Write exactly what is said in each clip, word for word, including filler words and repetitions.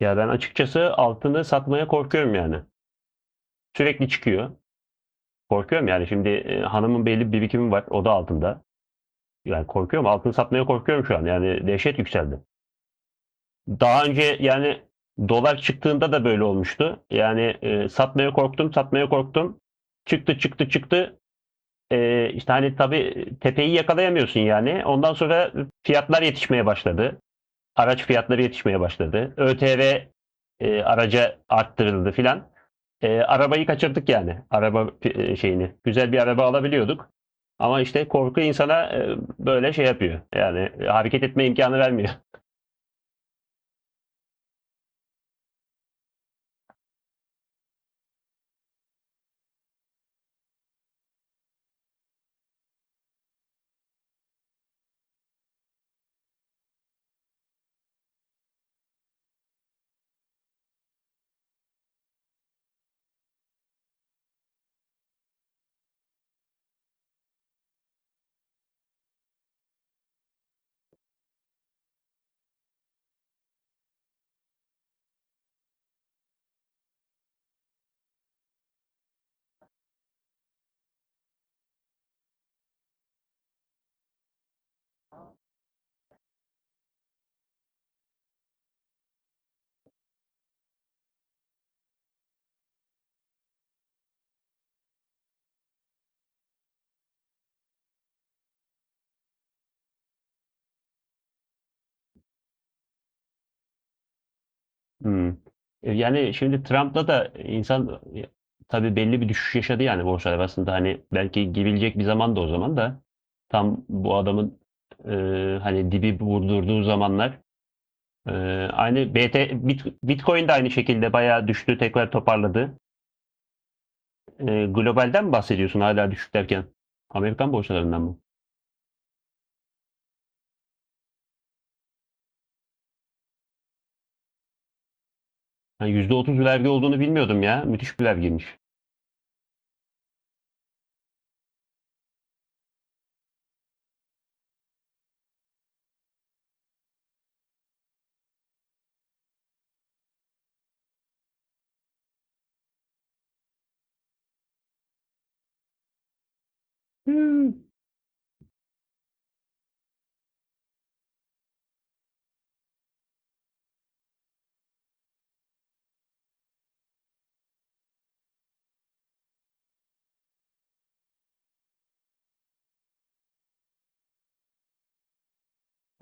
Ya ben açıkçası altını satmaya korkuyorum yani. Sürekli çıkıyor. Korkuyorum yani şimdi e, hanımın belli bir birikimi var. O da altında. Yani korkuyorum. Altını satmaya korkuyorum şu an. Yani dehşet yükseldi. Daha önce yani dolar çıktığında da böyle olmuştu. Yani e, satmaya korktum, satmaya korktum. Çıktı, çıktı, çıktı. E, işte hani tabii tepeyi yakalayamıyorsun yani. Ondan sonra fiyatlar yetişmeye başladı. Araç fiyatları yetişmeye başladı. ÖTV e, araca arttırıldı filan. E, arabayı kaçırdık yani. Araba e, şeyini. Güzel bir araba alabiliyorduk. Ama işte korku insana e, böyle şey yapıyor. Yani e, hareket etme imkanı vermiyor. Hmm. E, Yani şimdi Trump'la da insan e, tabii belli bir düşüş yaşadı yani borsalar aslında hani belki gibilecek bir zaman da o zaman da tam bu adamın e, hani dibi vurdurduğu zamanlar. E, Aynı B T, Bit- Bitcoin de aynı şekilde bayağı düştü, tekrar toparladı. E, globalden mi bahsediyorsun hala düşük derken? Amerikan borsalarından mı? Yani yüzde otuz vergi olduğunu bilmiyordum ya. Müthiş bir vergiymiş. Hmm.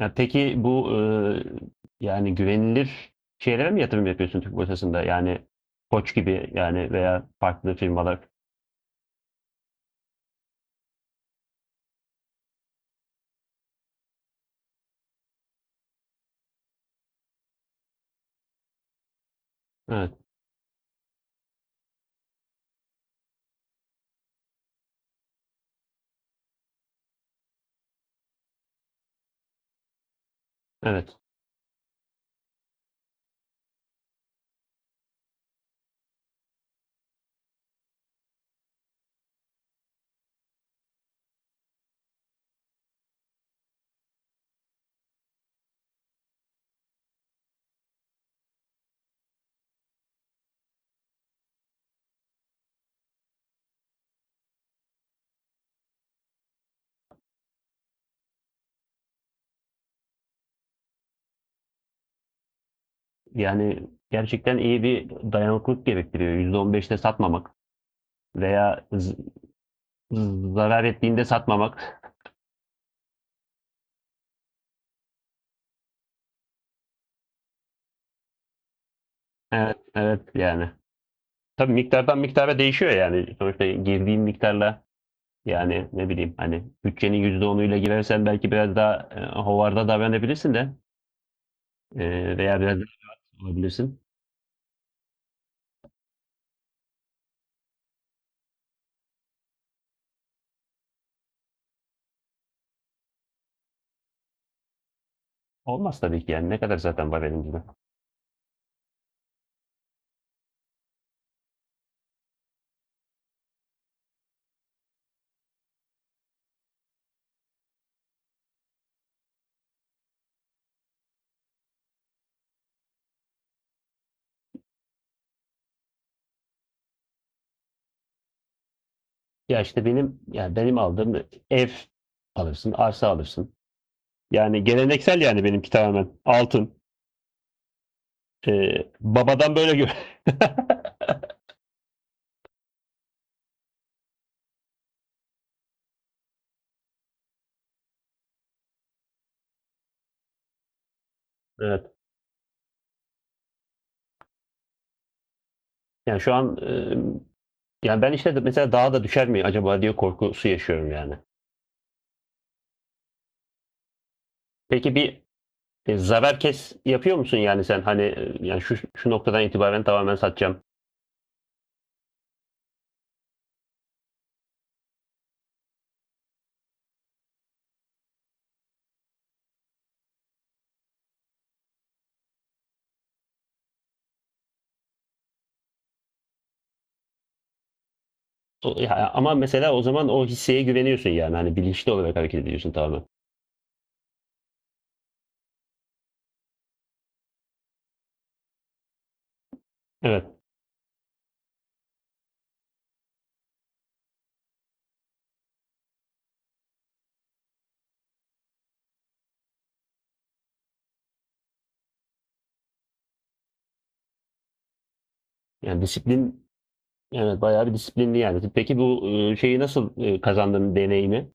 Ya peki bu eee, yani güvenilir şeylere mi yatırım yapıyorsun Türk borsasında? Yani Koç gibi yani veya farklı firmalar. Evet, evet. Yani gerçekten iyi bir dayanıklılık gerektiriyor. Yüzde on beşte satmamak veya z- zarar ettiğinde satmamak. Evet, evet yani. Tabii miktardan miktara değişiyor yani. Sonuçta girdiğin miktarla yani ne bileyim hani bütçenin yüzde onuyla girersen belki biraz daha e, hovarda davranabilirsin de e, veya biraz daha alabilirsin. Olmaz tabii ki yani ne kadar zaten var elimizde. Ya işte benim yani benim aldığım ev alırsın, arsa alırsın. Yani geleneksel yani benimki tamamen altın. Ee, babadan böyle gör. Evet. Yani şu an e, yani ben işte de mesela daha da düşer mi acaba diye korkusu yaşıyorum yani. Peki bir e, zarar kes yapıyor musun yani sen hani e, yani şu şu noktadan itibaren tamamen satacağım. O- ya ama mesela o zaman o hisseye güveniyorsun yani hani bilinçli olarak hareket ediyorsun tamamen. Evet. Yani disiplin. Evet, bayağı bir disiplinli yani. Peki bu, eee, şeyi nasıl, eee, kazandın deneyimi?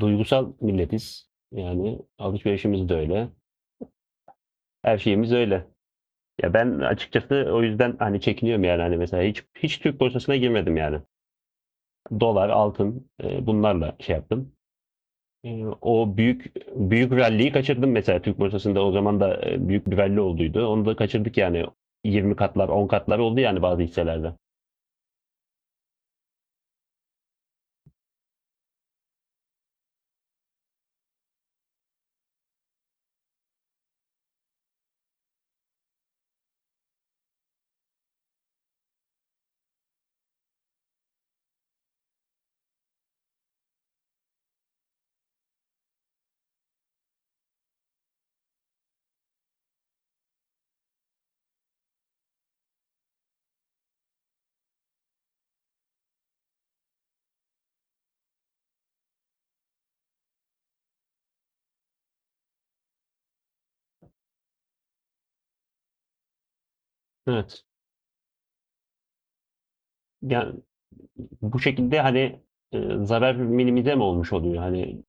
Duygusal milletiz. Yani alışverişimiz de öyle. Her şeyimiz öyle. Ya ben açıkçası o yüzden hani çekiniyorum yani hani mesela hiç hiç Türk borsasına girmedim yani. Dolar, altın, eee, bunlarla şey yaptım. Eee, o büyük büyük rally'yi kaçırdım mesela Türk borsasında o zaman da, eee, büyük bir rally olduydu. Onu da kaçırdık yani. Yirmi katlar, on katlar oldu yani bazı hisselerde. Evet. Yani bu şekilde, hani, ııı, zarar minimize mi olmuş oluyor? Hani,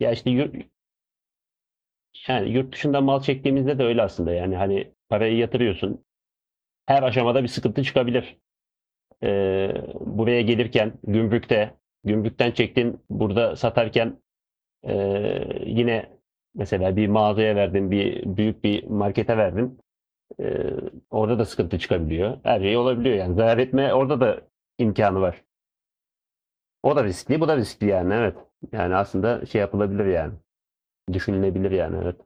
ya, işte, yurt yani, yurt dışından mal çektiğimizde de öyle aslında, yani, hani, parayı yatırıyorsun. Her aşamada bir sıkıntı çıkabilir. Eee, buraya gelirken gümrükte, gümrükten çektin, burada satarken, eee, yine mesela bir mağazaya verdin, bir büyük bir markete verdin. Eee, Orada da sıkıntı çıkabiliyor. Her şey olabiliyor, yani. Zarar etme orada da imkanı var. O da riskli, bu da riskli yani evet. Yani aslında şey yapılabilir yani. Düşünülebilir yani evet.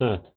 Evet.